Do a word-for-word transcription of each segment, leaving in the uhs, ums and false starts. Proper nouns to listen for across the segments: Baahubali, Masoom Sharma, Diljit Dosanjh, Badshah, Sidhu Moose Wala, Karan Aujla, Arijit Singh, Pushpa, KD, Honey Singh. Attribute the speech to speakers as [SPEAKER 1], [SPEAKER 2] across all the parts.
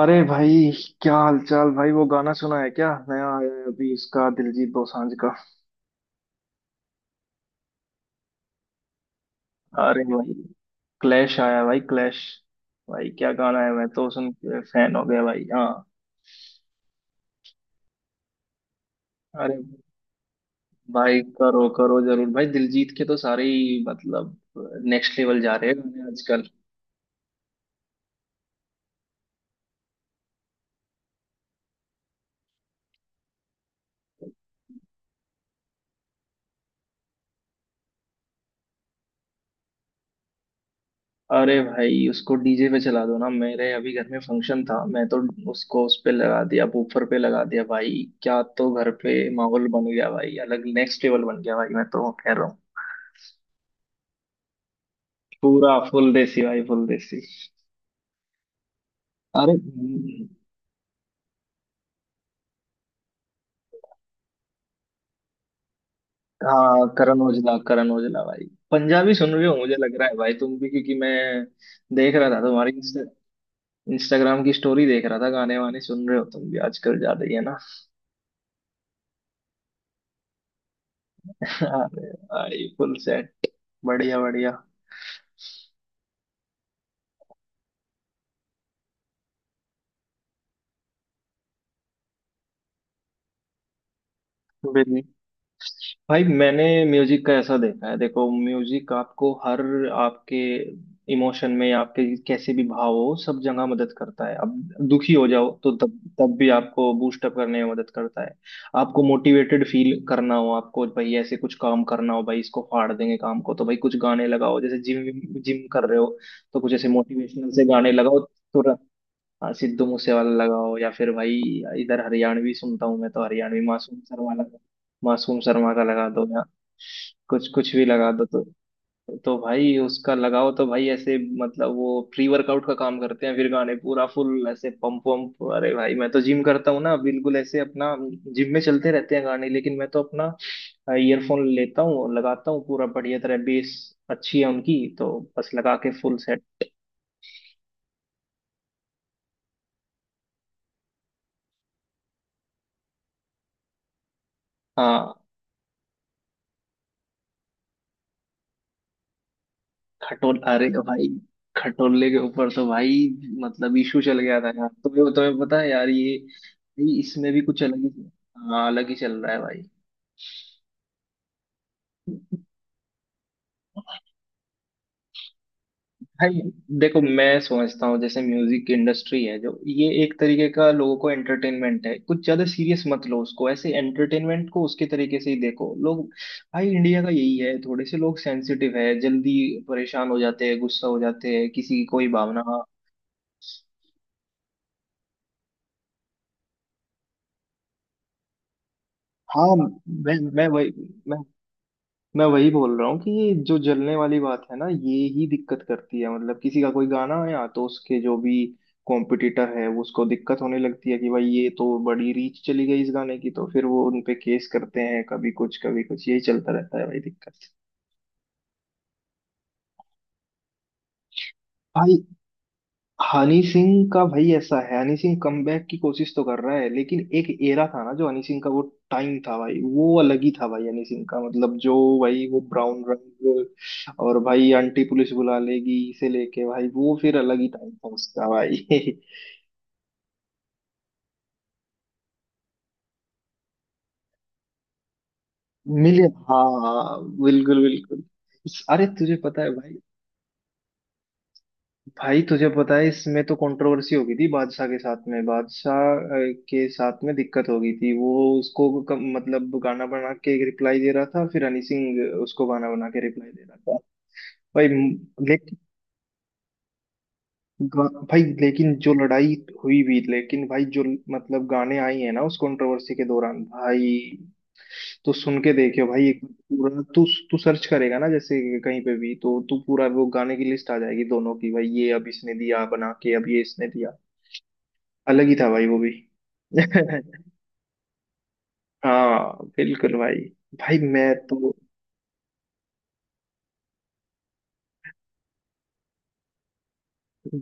[SPEAKER 1] अरे भाई। क्या हाल चाल भाई? वो गाना सुना है क्या, नया आया है अभी इसका, दिलजीत दोसांझ का? अरे भाई क्लैश आया है भाई, क्लैश। भाई क्या गाना है! मैं तो सुन के फैन हो गया भाई। हाँ। अरे भाई करो करो जरूर भाई, दिलजीत के तो सारे ही मतलब नेक्स्ट लेवल जा रहे हैं गाने आजकल। अरे भाई उसको डीजे पे चला दो ना। मेरे अभी घर में फंक्शन था, मैं तो उसको उस पे लगा दिया, बूफर पे लगा दिया भाई। क्या तो घर पे माहौल बन गया भाई, अलग नेक्स्ट लेवल बन गया भाई, मैं तो कह रहा हूँ। पूरा फुल देसी भाई, फुल देसी। अरे हम्म, हाँ। करण औजला करण औजला भाई! पंजाबी सुन रहे हो मुझे लग रहा है भाई, तुम भी, क्योंकि मैं देख रहा था तुम्हारी इंस्टा, इंस्टाग्राम की स्टोरी, देख रहा था गाने वाने सुन रहे हो तुम भी आजकल, ज्यादा ही है ना। अरे भाई फुल सेट, बढ़िया बढ़िया। भाई मैंने म्यूजिक का ऐसा देखा है, देखो म्यूजिक आपको हर, आपके इमोशन में, आपके कैसे भी भाव हो, सब जगह मदद करता है। अब दुखी हो जाओ तो तब तब भी आपको बूस्ट अप करने में मदद करता है। आपको मोटिवेटेड फील करना हो, आपको भाई ऐसे कुछ काम करना हो, भाई इसको फाड़ देंगे काम को तो भाई कुछ गाने लगाओ। जैसे जिम जिम कर रहे हो तो कुछ ऐसे मोटिवेशनल से गाने लगाओ। तो हाँ, सिद्धू मूसे वाला लगाओ या फिर भाई, इधर हरियाणवी सुनता हूँ मैं तो। हरियाणवी मासूम शर्मा लगा मासूम शर्मा का लगा दो, या कुछ कुछ भी लगा दो तो। तो भाई उसका लगाओ तो भाई ऐसे, मतलब वो प्री वर्कआउट का काम करते हैं फिर गाने, पूरा फुल ऐसे पंप वंप। अरे भाई मैं तो जिम करता हूँ ना, बिल्कुल ऐसे अपना। जिम में चलते रहते हैं गाने, लेकिन मैं तो अपना ईयरफोन लेता हूँ और लगाता हूँ पूरा बढ़िया तरह। बेस अच्छी है उनकी तो, बस लगा के फुल सेट। हाँ, खटोल! अरे भाई खटोले के ऊपर तो भाई मतलब इशू चल गया था यार, तुम्हें तुम्हें पता है यार ये, भाई इसमें भी कुछ अलग ही। हाँ अलग ही चल रहा है भाई। भाई देखो मैं समझता हूँ, जैसे म्यूजिक इंडस्ट्री है जो ये, एक तरीके का लोगों को एंटरटेनमेंट है, कुछ ज्यादा सीरियस मत लो उसको। ऐसे एंटरटेनमेंट को उसके तरीके से ही देखो लोग। भाई इंडिया का यही है, थोड़े से लोग सेंसिटिव है, जल्दी परेशान हो जाते हैं, गुस्सा हो जाते हैं, किसी की कोई भावना। हाँ मैं मैं वही मैं मैं वही बोल रहा हूँ कि ये जो जलने वाली बात है ना, ये ही दिक्कत करती है। मतलब किसी का कोई गाना आया तो उसके जो भी कॉम्पिटिटर है वो उसको दिक्कत होने लगती है कि भाई ये तो बड़ी रीच चली गई इस गाने की। तो फिर वो उनपे केस करते हैं, कभी कुछ कभी कुछ यही चलता रहता है भाई दिक्कत। भाई हनी सिंह का भाई ऐसा है, हनी सिंह कमबैक की कोशिश तो कर रहा है लेकिन एक एरा था ना, जो हनी सिंह का वो टाइम था भाई, वो अलग ही था भाई हनी सिंह का। मतलब जो भाई, वो ब्राउन रंग और भाई आंटी पुलिस बुला लेगी, से लेके भाई वो फिर अलग ही टाइम था उसका भाई। मिले। हाँ हाँ, बिल्कुल बिल्कुल। अरे तुझे पता है भाई, भाई तुझे पता है इसमें तो कंट्रोवर्सी हो गई थी बादशाह के साथ में, बादशाह अ, के साथ में दिक्कत हो गई थी वो। उसको कम, मतलब गाना बना के रिप्लाई दे रहा था, फिर हनी सिंह उसको गाना बना के रिप्लाई दे रहा था। भाई म- लेकिन गा- भाई लेकिन जो लड़ाई हुई भी, लेकिन भाई जो मतलब गाने आई है ना उस कंट्रोवर्सी के दौरान भाई, तो सुन के देखियो भाई एक पूरा तू तू सर्च करेगा ना जैसे कहीं पे भी, तो तू पूरा वो गाने की लिस्ट आ जाएगी दोनों की भाई, ये अब इसने दिया बना के, अब ये इसने दिया। अलग ही था भाई वो भी। हाँ बिल्कुल भाई। भाई मैं तो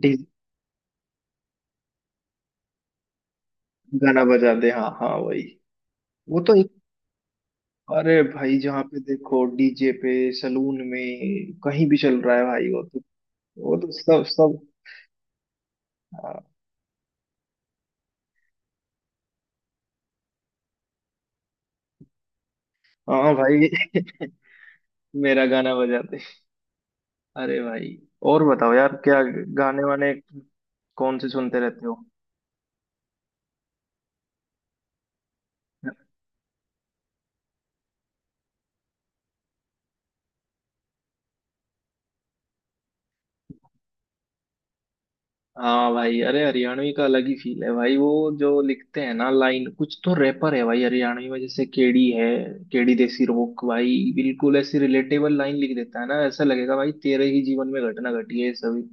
[SPEAKER 1] डी- गाना बजा दे, हाँ हाँ वही। वो तो एक, अरे भाई जहाँ पे देखो डीजे पे, सलून में कहीं भी चल रहा है भाई वो तो वो तो सब सब। हाँ हाँ भाई मेरा गाना बजाते। अरे भाई और बताओ यार, क्या गाने वाने कौन से सुनते रहते हो? हाँ भाई, अरे हरियाणवी का अलग ही फील है भाई वो, जो लिखते हैं ना लाइन कुछ, तो रैपर है भाई हरियाणवी में, जैसे केडी है। केडी देसी रोक भाई बिल्कुल ऐसी रिलेटेबल लाइन लिख देता है ना, ऐसा लगेगा भाई तेरे ही जीवन में घटना घटी है ये सभी।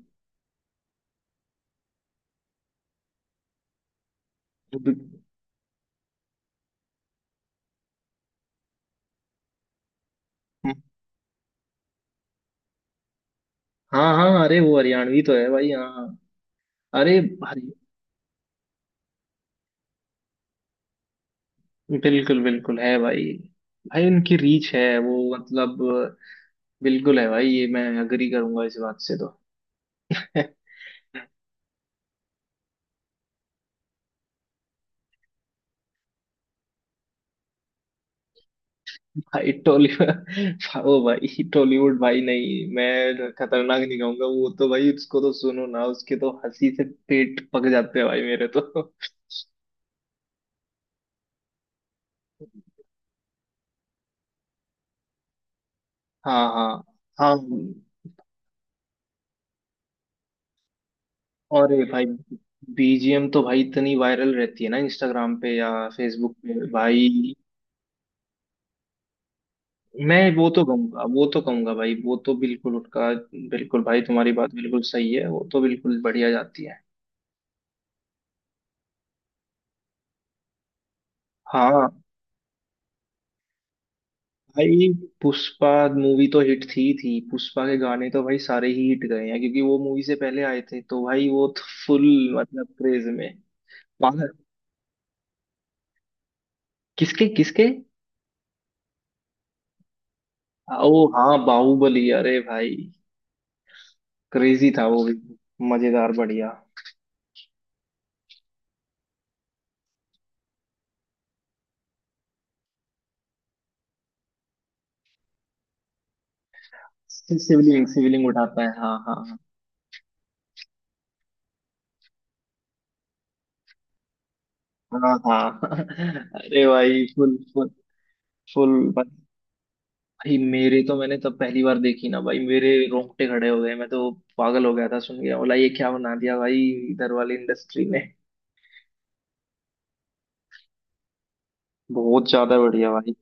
[SPEAKER 1] हाँ हाँ, अरे वो हरियाणवी तो है भाई, हाँ हाँ। अरे भाई बिल्कुल बिल्कुल है भाई। भाई उनकी रीच है वो, मतलब बिल्कुल है भाई, ये मैं अग्री करूंगा इस बात से तो। भाई टॉलीवुड ओ भाई टॉलीवुड भाई, नहीं मैं खतरनाक नहीं कहूंगा वो तो भाई, उसको तो सुनो ना उसके तो हंसी से पेट पक जाते हैं भाई मेरे तो। हाँ हाँ। हाँ, और ये भाई बीजीएम तो भाई इतनी वायरल रहती है ना इंस्टाग्राम पे या फेसबुक पे भाई। मैं वो तो कहूंगा वो तो कहूंगा भाई, वो तो बिल्कुल उठका। बिल्कुल भाई तुम्हारी बात बिल्कुल सही है, वो तो बिल्कुल बढ़िया जाती है। हाँ भाई पुष्पा मूवी तो हिट थी थी। पुष्पा के गाने तो भाई सारे ही हिट गए हैं क्योंकि वो मूवी से पहले आए थे, तो भाई वो तो फुल मतलब क्रेज में पागल। किसके किसके? ओ हाँ बाहुबली, अरे भाई क्रेजी था वो भी, मजेदार बढ़िया। सिविलिंग सिविलिंग उठाता है। हाँ हाँ। हाँ हाँ हाँ। अरे भाई फुल फुल फुल भाई। मेरे तो, मैंने तब पहली बार देखी ना भाई, मेरे रोंगटे खड़े हो गए, मैं तो पागल हो गया था सुन के, बोला ये क्या बना दिया भाई इधर वाली इंडस्ट्री ने। बहुत ज्यादा बढ़िया भाई।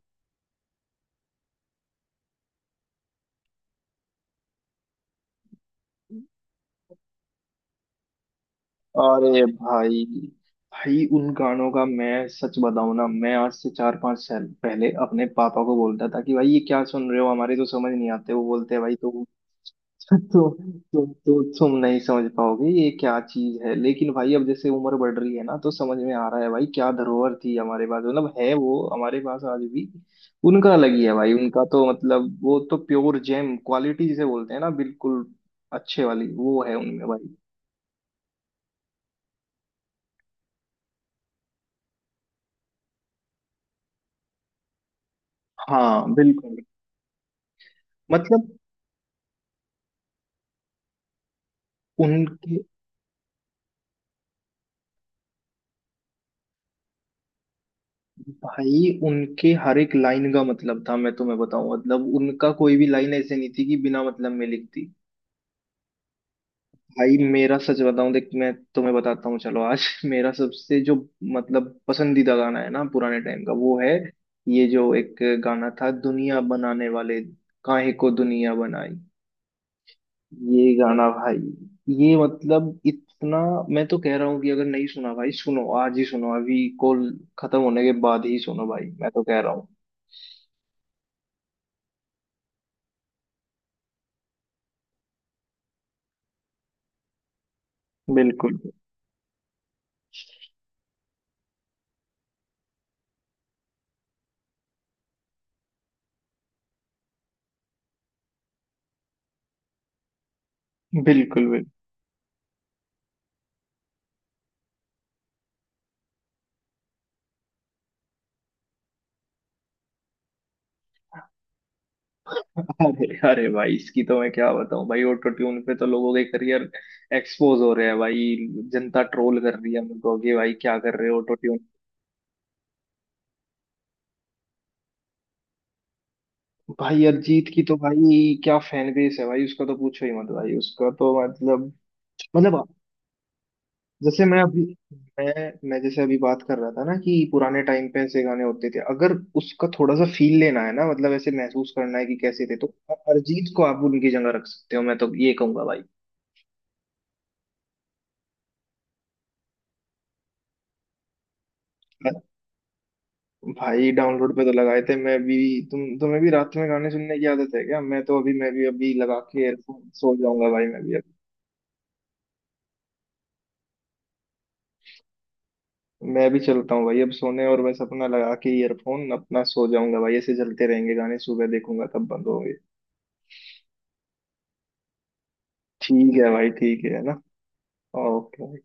[SPEAKER 1] अरे भाई भाई उन गानों का मैं सच बताऊं ना, मैं आज से चार पांच साल पहले अपने पापा को बोलता था कि भाई ये क्या सुन रहे हो, हमारे तो समझ नहीं आते। वो बोलते हैं भाई तो, तो, तो, तो तुम नहीं समझ पाओगे ये क्या चीज है। लेकिन भाई अब जैसे उम्र बढ़ रही है ना तो समझ में आ रहा है भाई, क्या धरोहर थी हमारे पास, मतलब है वो हमारे पास आज भी। उनका अलग ही है भाई उनका तो, मतलब वो तो प्योर जेम क्वालिटी जिसे बोलते हैं ना, बिल्कुल अच्छे वाली वो है उनमें भाई। हाँ बिल्कुल, मतलब उनके, भाई उनके हर एक लाइन का मतलब था, मैं तुम्हें बताऊं। मतलब उनका कोई भी लाइन ऐसे नहीं थी कि बिना मतलब में लिखती। भाई मेरा सच बताऊं देख, मैं तुम्हें बताता हूँ चलो आज मेरा सबसे जो मतलब पसंदीदा गाना है ना पुराने टाइम का वो है, ये जो एक गाना था, दुनिया बनाने वाले, काहे को दुनिया बनाई। ये गाना भाई, ये मतलब इतना, मैं तो कह रहा हूँ कि अगर नहीं सुना भाई सुनो, आज ही सुनो, अभी कॉल खत्म होने के बाद ही सुनो भाई, मैं तो कह रहा हूँ। बिल्कुल बिल्कुल बिल्कुल। अरे अरे भाई इसकी तो मैं क्या बताऊं भाई! ऑटो ट्यून पे तो लोगों के करियर एक्सपोज हो रहे हैं भाई, जनता ट्रोल कर रही है मुझको कि भाई क्या कर रहे हो ऑटो ट्यून। भाई अरिजीत की तो भाई क्या फैन बेस है भाई, उसका तो पूछो ही मत भाई, उसका तो मतलब मतलब जैसे मैं अभी मैं मैं जैसे अभी बात कर रहा था ना कि पुराने टाइम पे ऐसे गाने होते थे, अगर उसका थोड़ा सा फील लेना है ना मतलब, ऐसे महसूस करना है कि कैसे थे तो अरिजीत को आप उनकी जगह रख सकते हो, मैं तो ये कहूंगा भाई। भाई डाउनलोड पे तो लगाए थे मैं भी। तुम तुम्हें भी रात में गाने सुनने की आदत है क्या? मैं तो अभी, मैं भी अभी लगा के एयरफोन सो जाऊंगा भाई, मैं भी अभी। मैं भी चलता हूँ भाई अब सोने, और बस अपना लगा के ईयरफोन अपना सो जाऊंगा भाई। ऐसे चलते रहेंगे गाने, सुबह देखूंगा तब बंद होंगे। ठीक है भाई, ठीक है ना। ओके।